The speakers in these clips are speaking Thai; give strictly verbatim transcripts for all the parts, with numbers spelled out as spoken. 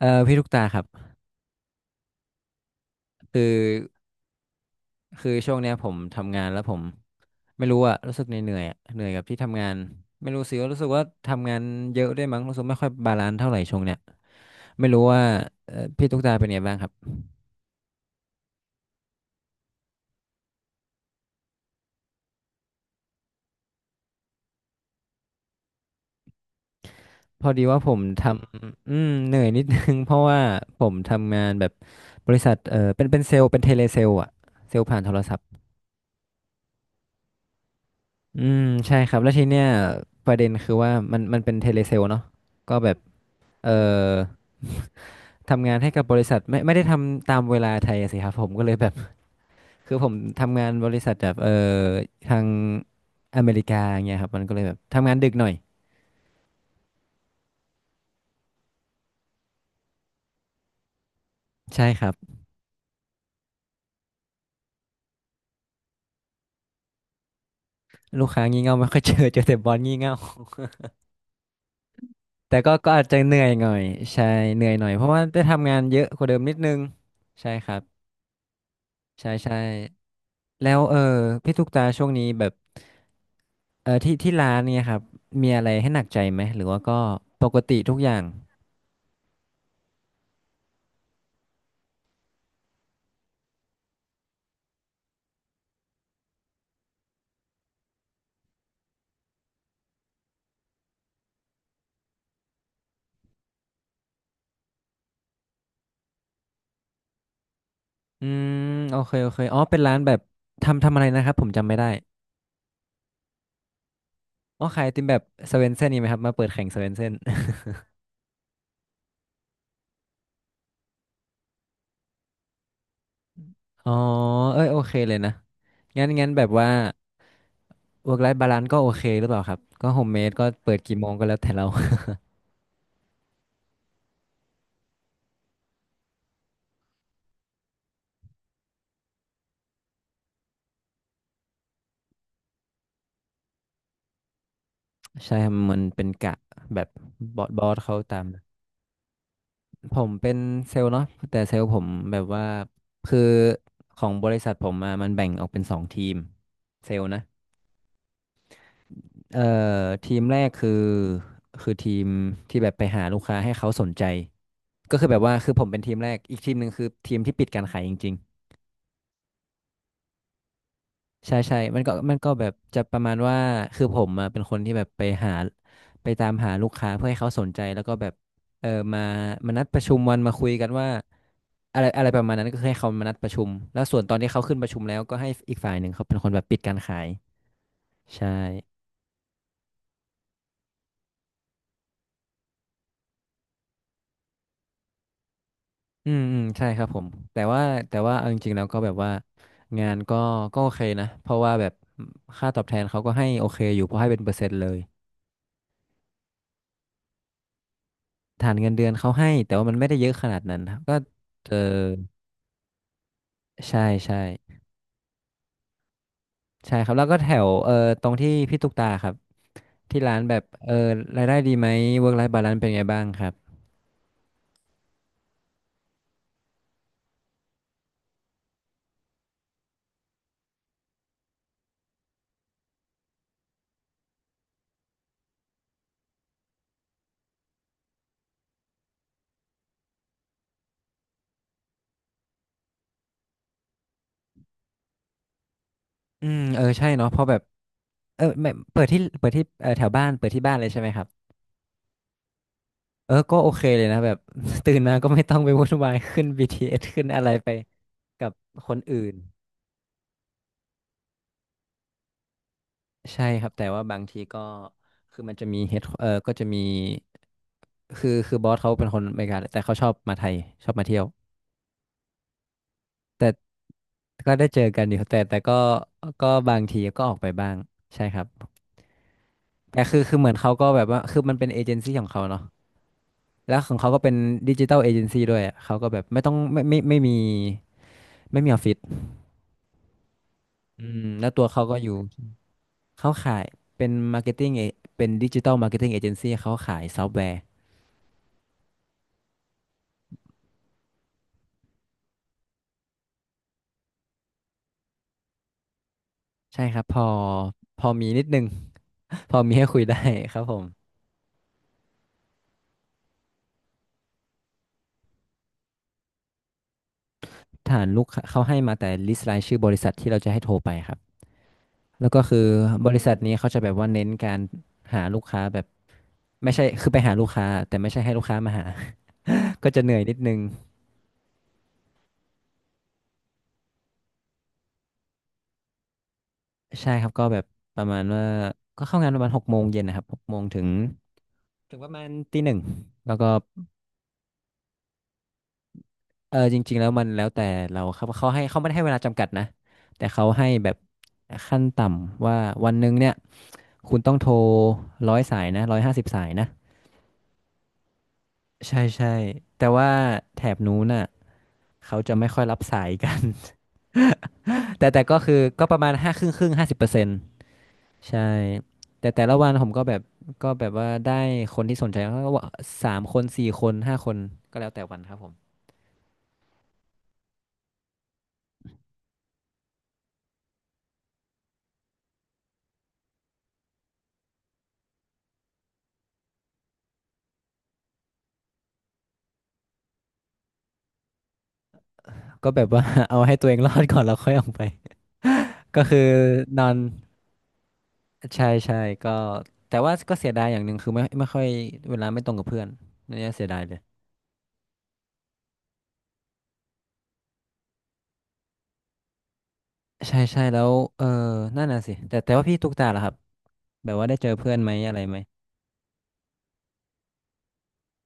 เออพี่ลูกตาครับคือคือช่วงเนี้ยผมทำงานแล้วผมไม่รู้อะรู้สึกเหนื่อยๆอะเหนื่อยกับที่ทำงานไม่รู้สิว่ารู้สึกว่าทำงานเยอะด้วยมั้งรู้สึกไม่ค่อยบาลานซ์เท่าไหร่ช่วงเนี้ยไม่รู้ว่าเอ่อพี่ตุ๊กตาเป็นไงบ้างครับพอดีว่าผมทำอืมเหนื่อยนิดนึง เพราะว่าผมทำงานแบบบริษัทเออเป็นเป็นเซลล์เป็นเทเลเซลล์อะเซลล์ผ่านโทรศัพท์อืมใช่ครับแล้วทีเนี้ยประเด็นคือว่ามันมันเป็นเทเลเซลเนาะก็แบบเออ ทำงานให้กับบริษัทไม่ไม่ได้ทำตามเวลาไทยอะสิครับผมก็เลยแบบ คือผมทำงานบริษัทแบบเออทางอเมริกาอย่างเงี้ยครับมันก็เลยแบบทำงานดึกหน่อยใช่ครับลูกค้างี่เง่าไม่ค่อยเจอเจอแต่บอสงี่เง่า แต่ก็ก็อาจจะเหนื่อยหน่อยใช่เหนื่อยหน่อยเพราะว่าได้ทำงานเยอะกว่าเดิมนิดนึงใช่ครับใช่ใช่แล้วเออพี่ตุ๊กตาช่วงนี้แบบเออที่ที่ร้านเนี่ยครับมีอะไรให้หนักใจไหมหรือว่าก็ปกติทุกอย่าง อืมโอเคโอเคอ๋อเป็นร้านแบบทำทำอะไรนะครับผมจำไม่ได้อ๋อขายไอติมแบบสเวนเซ่นนี่ไหมครับมาเปิดแข่งสเวนเซ่น อ๋อเอ้ยโอเคเลยนะงั้นงั้นแบบว่า work life balance ก็โอเคหรือเปล่าครับก็โฮมเมดก็เปิดกี่โมงก็แล้วแต่เรา ใช่ครับมันเป็นกะแบบบอสบอสเขาตามผมเป็นเซลล์เนาะแต่เซลล์ผมแบบว่าคือของบริษัทผมอะมันแบ่งออกเป็นสองทีมเซลล์นะ เอ่อทีมแรกคือคือทีมที่แบบไปหาลูกค้าให้เขาสนใจก็คือแบบว่าคือผมเป็นทีมแรกอีกทีมหนึ่งคือทีมที่ปิดการขายจริงๆใช่ใช่มันก็มันก็แบบจะประมาณว่าคือผมอะเป็นคนที่แบบไปหาไปตามหาลูกค้าเพื่อให้เขาสนใจแล้วก็แบบเออมามานัดประชุมวันมาคุยกันว่าอะไรอะไรประมาณนั้นก็คือให้เขามานัดประชุมแล้วส่วนตอนที่เขาขึ้นประชุมแล้วก็ให้อีกฝ่ายหนึ่งเขาเป็นคนแบบปิดการขายใช่ อืมอืมใช่ครับผมแต่ว่าแต่ว่าเอาจริงๆแล้วก็แบบว่างานก็ก็โอเคนะเพราะว่าแบบค่าตอบแทนเขาก็ให้โอเคอยู่เพราะให้เป็นเปอร์เซ็นต์เลยฐานเงินเดือนเขาให้แต่ว่ามันไม่ได้เยอะขนาดนั้นครับก็เออใช่ใช่ใช่ครับแล้วก็แถวเออตรงที่พี่ตุ๊กตาครับที่ร้านแบบเออรายได้ดีไหม work life balance เป็นไงบ้างครับอืมเออใช่เนาะเพราะแบบเออไม่เปิดที่เปิดที่เออแถวบ้านเปิดที่บ้านเลยใช่ไหมครับ เออก็โอเคเลยนะแบบ ตื่นมาก็ไม่ต้องไปวุ่นวาย ขึ้น บี ที เอส ขึ้นอะไรไปกับคนอื่นใช่ครับแต่ว่าบางทีก็คือมันจะมีเฮดเออก็จะมีคือคือบอสเขาเป็นคนอเมริกาแต่เขาชอบมาไทยชอบมาเที่ยวแต่ก็ได้เจอกันอยู่แต่แต่ก็ก็บางทีก็ออกไปบ้างใช่ครับแต่คือคือเหมือนเขาก็แบบว่าคือมันเป็นเอเจนซี่ของเขาเนาะแล้วของเขาก็เป็นดิจิตอลเอเจนซี่ด้วยอะเขาก็แบบไม่ต้องไม่ไม่ไม่มีไม่มีออฟฟิศ อืมแล้วตัวเขาก็อยู่เขาขายเป็นมาร์เก็ตติ้งเป็นดิจิ t a ลมาร์เก็ตติ้งเอเจนซี่เขาขายซอฟต์แวร์ใช่ครับพอพอมีนิดนึง พอมีให้คุยได้ครับผมฐานลูกค้าเขาให้มาแต่ลิสต์รายชื่อบริษัทที่เราจะให้โทรไปครับแล้วก็คือบริษัทนี้เขาจะแบบว่าเน้นการหาลูกค้าแบบไม่ใช่คือไปหาลูกค้าแต่ไม่ใช่ให้ลูกค้ามาหา ก็จะเหนื่อยนิดนึงใช่ครับก็แบบประมาณว่าก็เข้างานประมาณหกโมงเย็นนะครับหกโมงถึงถึงประมาณตีหนึ่งแล้วก็ เออจริงๆแล้วมันแล้วแต่เราครับเขาให้เขาไม่ได้ให้เวลาจำกัดนะแต่เขาให้แบบขั้นต่ำว่าวันหนึ่งเนี่ยคุณต้องโทรร้อยสายนะร้อยห้าสิบสายนะใช่ใช่แต่ว่าแถบนู้นน่ะเขาจะไม่ค่อยรับสายกัน แต่แต่ก็คือก็ประมาณห้าครึ่งครึ่งห้าสิบเปอร์เซ็นต์ใช่แต่แต่ละวันผมก็แบบก็แบบว่าได้คนที่สนใจก็ว่าสามคนสี่คนห้าคนก็แล้วแต่วันครับผมก็แบบว่า เอาให้ตัวเองรอดก่อนแล้วค่อยออกไป ก็คือนอน ใช่ใช่ก็แต่ว่าก็เสียดายอย่างหนึ่งคือไม่ไม่ค่อยเวลาไม่ตรงกับเพื่อนเนี่ยเสียดายเลยใช่ใช่แล้วเออนั่นน่ะสิแต่แต่ว่าพี่ตุ๊กตาล่ะครับแบบว่าได้เจอเพื่อนไหมอะไรไหม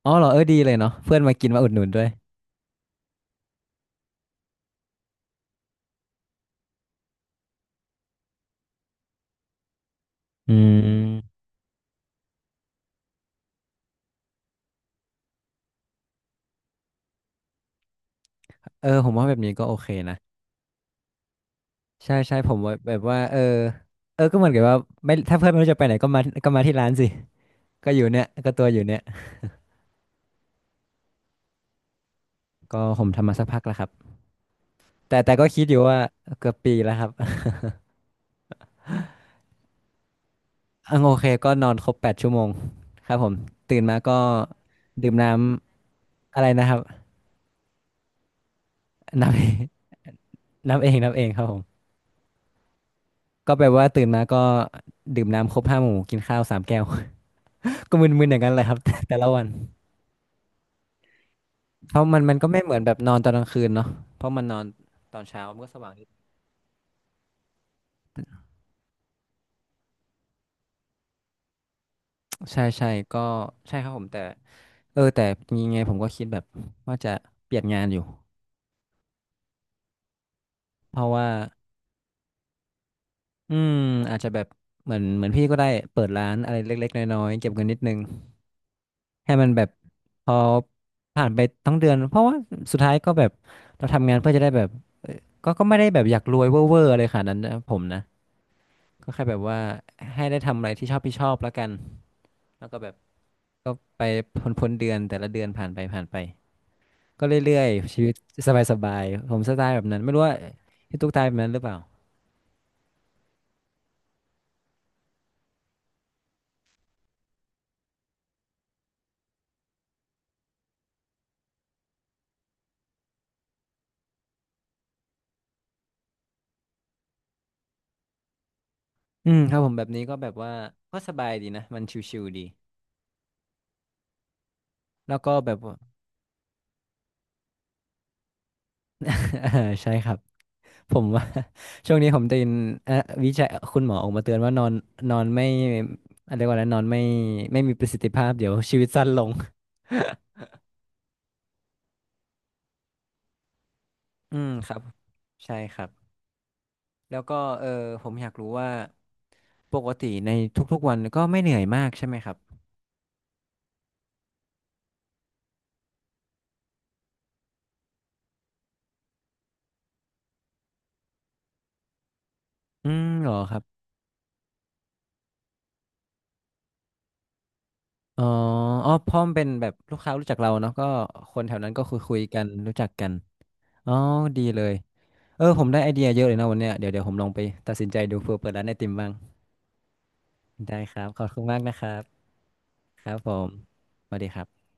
อ๋อเหรอเออดีเลยเนาะเพื่อนมากินมาอุดหนุนด้วยอืมเออผมว่าแบบนี้ก็โอเคนะใช่ใช่ผมว่าแบบว่าเออเออก็เหมือนกับว่าไม่ถ้าเพื่อนไม่รู้จะไปไหนก็มาก็มาที่ร้านสิก็อยู่เนี่ยก็ตัวอยู่เนี่ยก็ผมทำมาสักพักแล้วครับแต่แต่ก็คิดอยู่ว่าเกือบปีแล้วครับ อังโอเคก็นอนครบแปดชั่วโมงครับผมตื่นมาก็ดื่มน้ำอะไรนะครับนับ น้ำเองน้ำเองครับผมก็แปลว่าตื่นมาก็ดื่มน้ำครบห้าหมู่กินข้าวสามแก้ว ก็มึนๆอย่างนั้นเลยครับ แต่แต่ละวันเพราะมันมันก็ไม่เหมือนแบบนอนตอนกลางคืนเนาะเพราะมันนอนตอนเช้ามันก็สว่างนิดใช่ใช่ก็ใช่ครับผมแต่เออแต่มีไงผมก็คิดแบบว่าจะเปลี่ยนงานอยู่เพราะว่าอืมอาจจะแบบเหมือนเหมือนพี่ก็ได้เปิดร้านอะไรเล็กๆน้อยๆเก็บเงินนิดนึง ให้มันแบบพอผ่านไปทั้งเดือนเพราะว่าสุดท้ายก็แบบเราทำงานเพื่อจะได้แบบเอ่อก็ก็ไม่ได้แบบอยากรวยเวอร์เวอร์อะไรขนาดนั้นนะผมนะก็แค่แบบว่าให้ได้ทำอะไรที่ชอบที่ชอบแล้วกันแล้วก็แบบก็ไปพ้นพ้นเดือนแต่ละเดือนผ่านไปผ่านไปก็เรื่อยๆชีวิตสบายๆผมสไตล์แบบนั้นไม่รู้ว่าพี่ตุ๊กตายแบบนั้นหรือเปล่าอืมครับผมแบบนี้ก็แบบว่าก็สบายดีนะมันชิวๆดีแล้วก็แบบว่า ใช่ครับ ผมว่า ช่วงนี้ผมได้ยินเอ่อวิจัยคุณหมอออกมาเตือนว่านอนนอนไม่อะไรยกว่าอะไรนอนไม่ไม่มีประสิทธิภาพเดี๋ยวชีวิตสั้นลง อืมครับใช่ครับแล้วก็เออผมอยากรู้ว่าปกติในทุกๆวันก็ไม่เหนื่อยมากใช่ไหมครับอืมเหรอครับอ๋ออ๋อเพราะมันเป็นแบบลูกค้ารู้จักเราเนาะก็คนแถวนั้นก็คุยคุยกันรู้จักกันอ๋อดีเลยเออผมได้ไอเดียเยอะเลยนะวันเนี้ยเดี๋ยวเดี๋ยวผมลองไปตัดสินใจดูเผื่อเปิดร้านไอติมบ้างได้ครับขอบคุณมากนะครับ ครับผมสวัสดีครับ